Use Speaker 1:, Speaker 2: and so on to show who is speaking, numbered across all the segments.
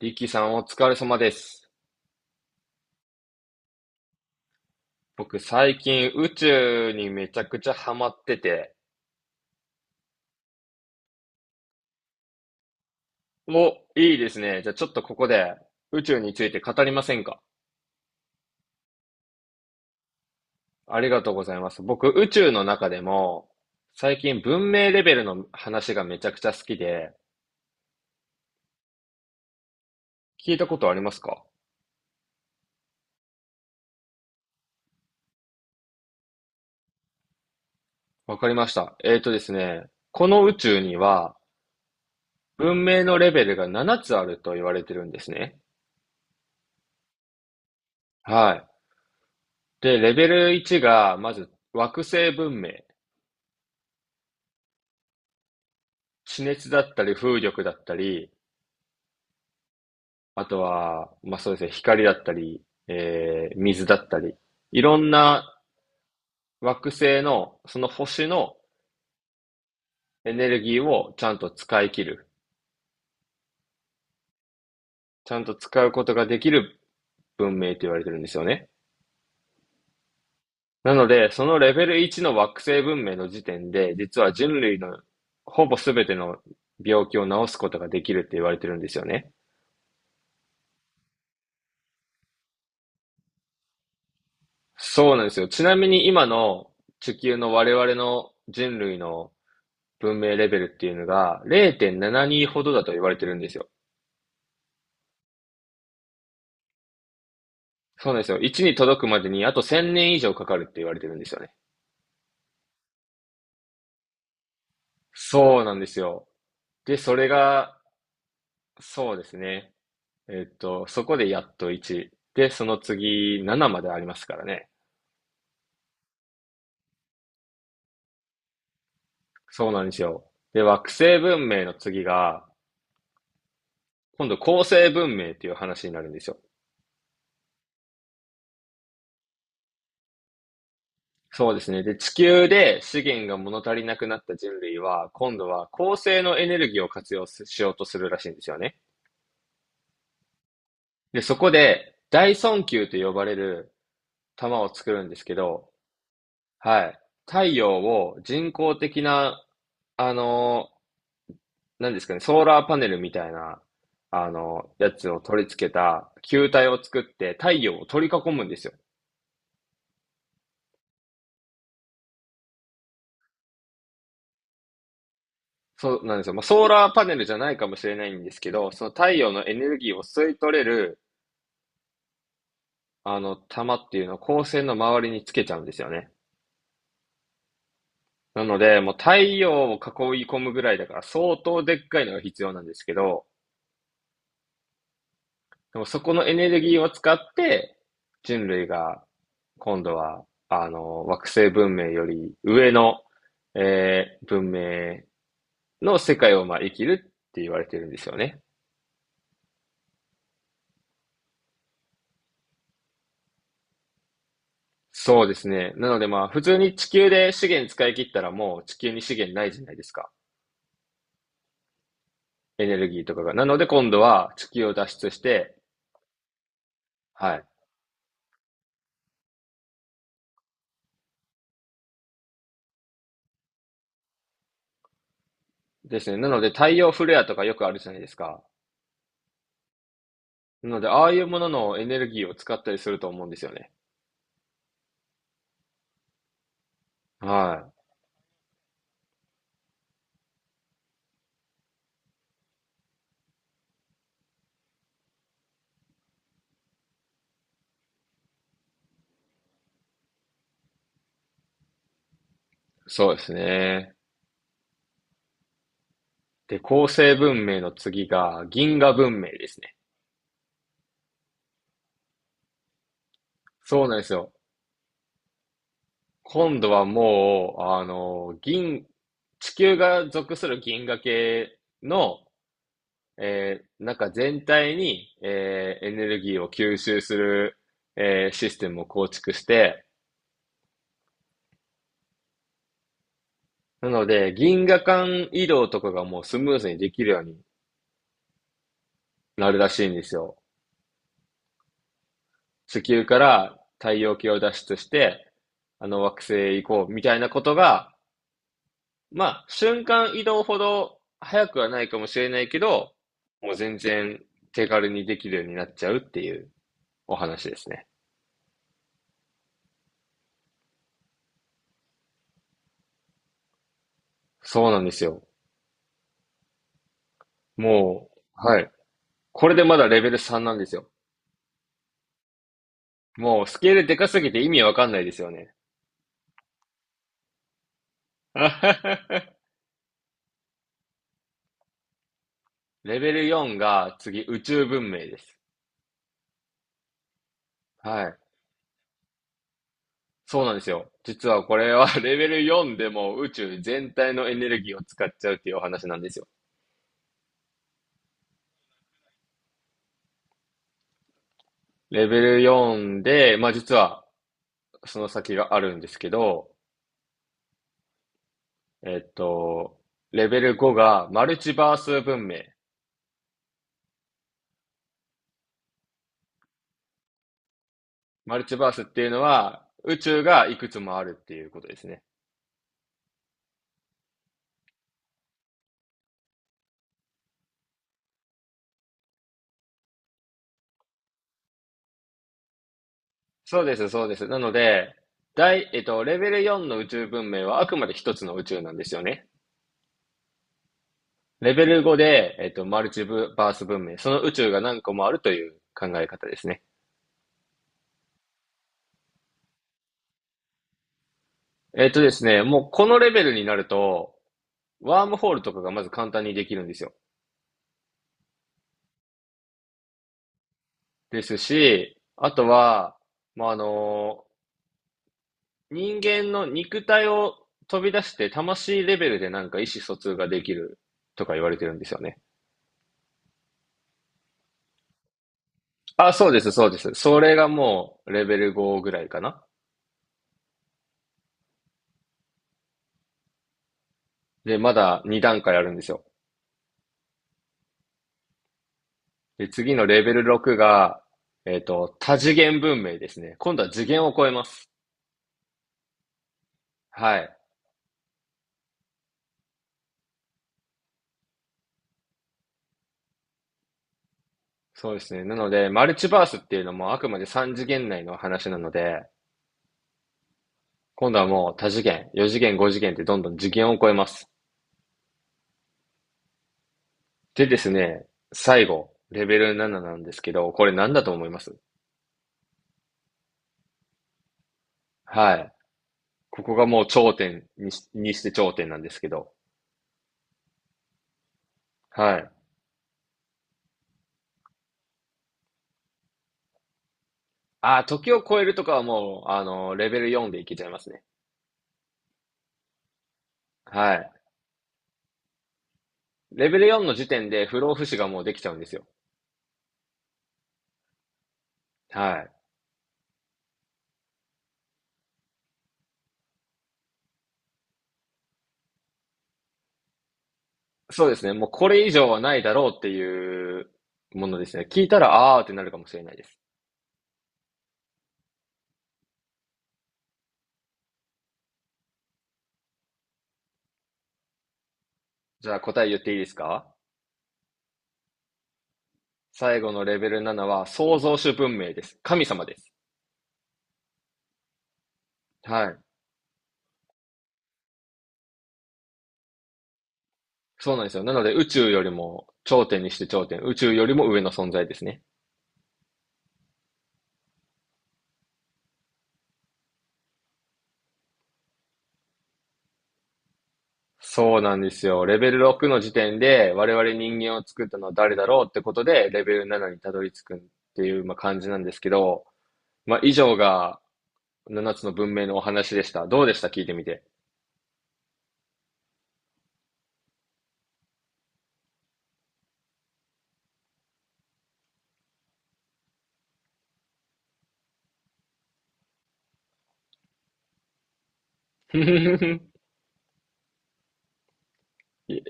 Speaker 1: リキさんお疲れ様です。僕最近宇宙にめちゃくちゃハマってて。お、いいですね。じゃあちょっとここで宇宙について語りませんか？ありがとうございます。僕宇宙の中でも最近文明レベルの話がめちゃくちゃ好きで、聞いたことありますか？わかりました。えーとですね、この宇宙には文明のレベルが7つあると言われてるんですね。はい。で、レベル1がまず惑星文明。地熱だったり風力だったり、あとは、まあそうですね、光だったり、水だったり、いろんな惑星の、その星のエネルギーをちゃんと使い切る。ちゃんと使うことができる文明と言われてるんですよね。なので、そのレベル1の惑星文明の時点で、実は人類のほぼ全ての病気を治すことができるって言われてるんですよね。そうなんですよ。ちなみに今の地球の我々の人類の文明レベルっていうのが0.72ほどだと言われてるんですよ。そうなんですよ。1に届くまでにあと1000年以上かかるって言われてるんですよね。そうなんですよ。で、それが、そうですね。そこでやっと1。で、その次7までありますからね。そうなんですよ。で、惑星文明の次が、今度恒星文明っていう話になるんですよ。そうですね。で、地球で資源が物足りなくなった人類は、今度は恒星のエネルギーを活用しようとするらしいんですよね。で、そこで、大損球と呼ばれる球を作るんですけど、はい。太陽を人工的な、あのー、何ですかね、ソーラーパネルみたいな、やつを取り付けた球体を作って太陽を取り囲むんですよ。そうなんですよ。まあ、ソーラーパネルじゃないかもしれないんですけど、その太陽のエネルギーを吸い取れる、あの、玉っていうのを光線の周りにつけちゃうんですよね。なので、もう太陽を囲い込むぐらいだから相当でっかいのが必要なんですけど、でもそこのエネルギーを使って、人類が今度は、あの、惑星文明より上の、文明の世界をまあ生きるって言われてるんですよね。そうですね。なのでまあ普通に地球で資源使い切ったらもう地球に資源ないじゃないですか。エネルギーとかが。なので今度は地球を脱出して、はい。ですね。なので太陽フレアとかよくあるじゃないですか。なのでああいうもののエネルギーを使ったりすると思うんですよね。はい。そうですね。で、構成文明の次が銀河文明ですね。そうなんですよ。今度はもう、あの、地球が属する銀河系の、なんか全体に、エネルギーを吸収する、システムを構築して、なので、銀河間移動とかがもうスムーズにできるようになるらしいんですよ。地球から太陽系を脱出して、あの惑星へ行こうみたいなことが、まあ、瞬間移動ほど早くはないかもしれないけど、もう全然手軽にできるようになっちゃうっていうお話ですね。そうなんですよ。もう、はい。これでまだレベル3なんですよ。もうスケールでかすぎて意味わかんないですよね。レベル4が次宇宙文明です。はい。そうなんですよ。実はこれは レベル4でも宇宙全体のエネルギーを使っちゃうっていうお話なんですよ。レベル4で、まあ実はその先があるんですけど、えっと、レベル5がマルチバース文明。マルチバースっていうのは宇宙がいくつもあるっていうことですね。そうです、そうです。なので、第、えっと、レベル4の宇宙文明はあくまで一つの宇宙なんですよね。レベル5で、マルチブバース文明、その宇宙が何個もあるという考え方ですね。もうこのレベルになると、ワームホールとかがまず簡単にできるんですよ。ですし、あとは、まあ、あの、人間の肉体を飛び出して魂レベルでなんか意思疎通ができるとか言われてるんですよね。あ、そうです、そうです。それがもうレベル5ぐらいかな。で、まだ2段階あるんですよ。で、次のレベル6が、多次元文明ですね。今度は次元を超えます。はい。そうですね。なので、マルチバースっていうのもあくまで3次元内の話なので、今度はもう多次元、4次元、5次元ってどんどん次元を超えます。でですね、最後、レベル7ななんですけど、これ何だと思います？はい。ここがもう頂点にし、にして頂点なんですけど、はい。あー、時を超えるとかはもう、あのレベル4でいけちゃいますね。はい。レベル4の時点で不老不死がもうできちゃうんですよ。はい。そうですね。もうこれ以上はないだろうっていうものですね。聞いたら、あーってなるかもしれないです。じゃあ答え言っていいですか？最後のレベル7は創造主文明です。神様です。はい。そうなんですよ。なので宇宙よりも頂点にして頂点、宇宙よりも上の存在ですね。そうなんですよ。レベル6の時点で我々人間を作ったのは誰だろうってことでレベル7にたどり着くっていうまあ感じなんですけど、まあ以上が7つの文明のお話でした。どうでした聞いてみて？い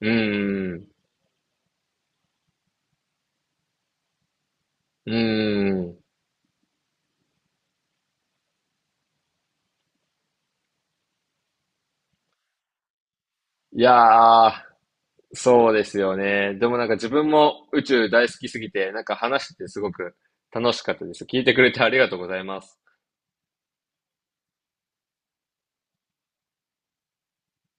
Speaker 1: うん。うん。いやー、そうですよね。でもなんか自分も宇宙大好きすぎて、なんか話しててすごく楽しかったです。聞いてくれてありがとうございます。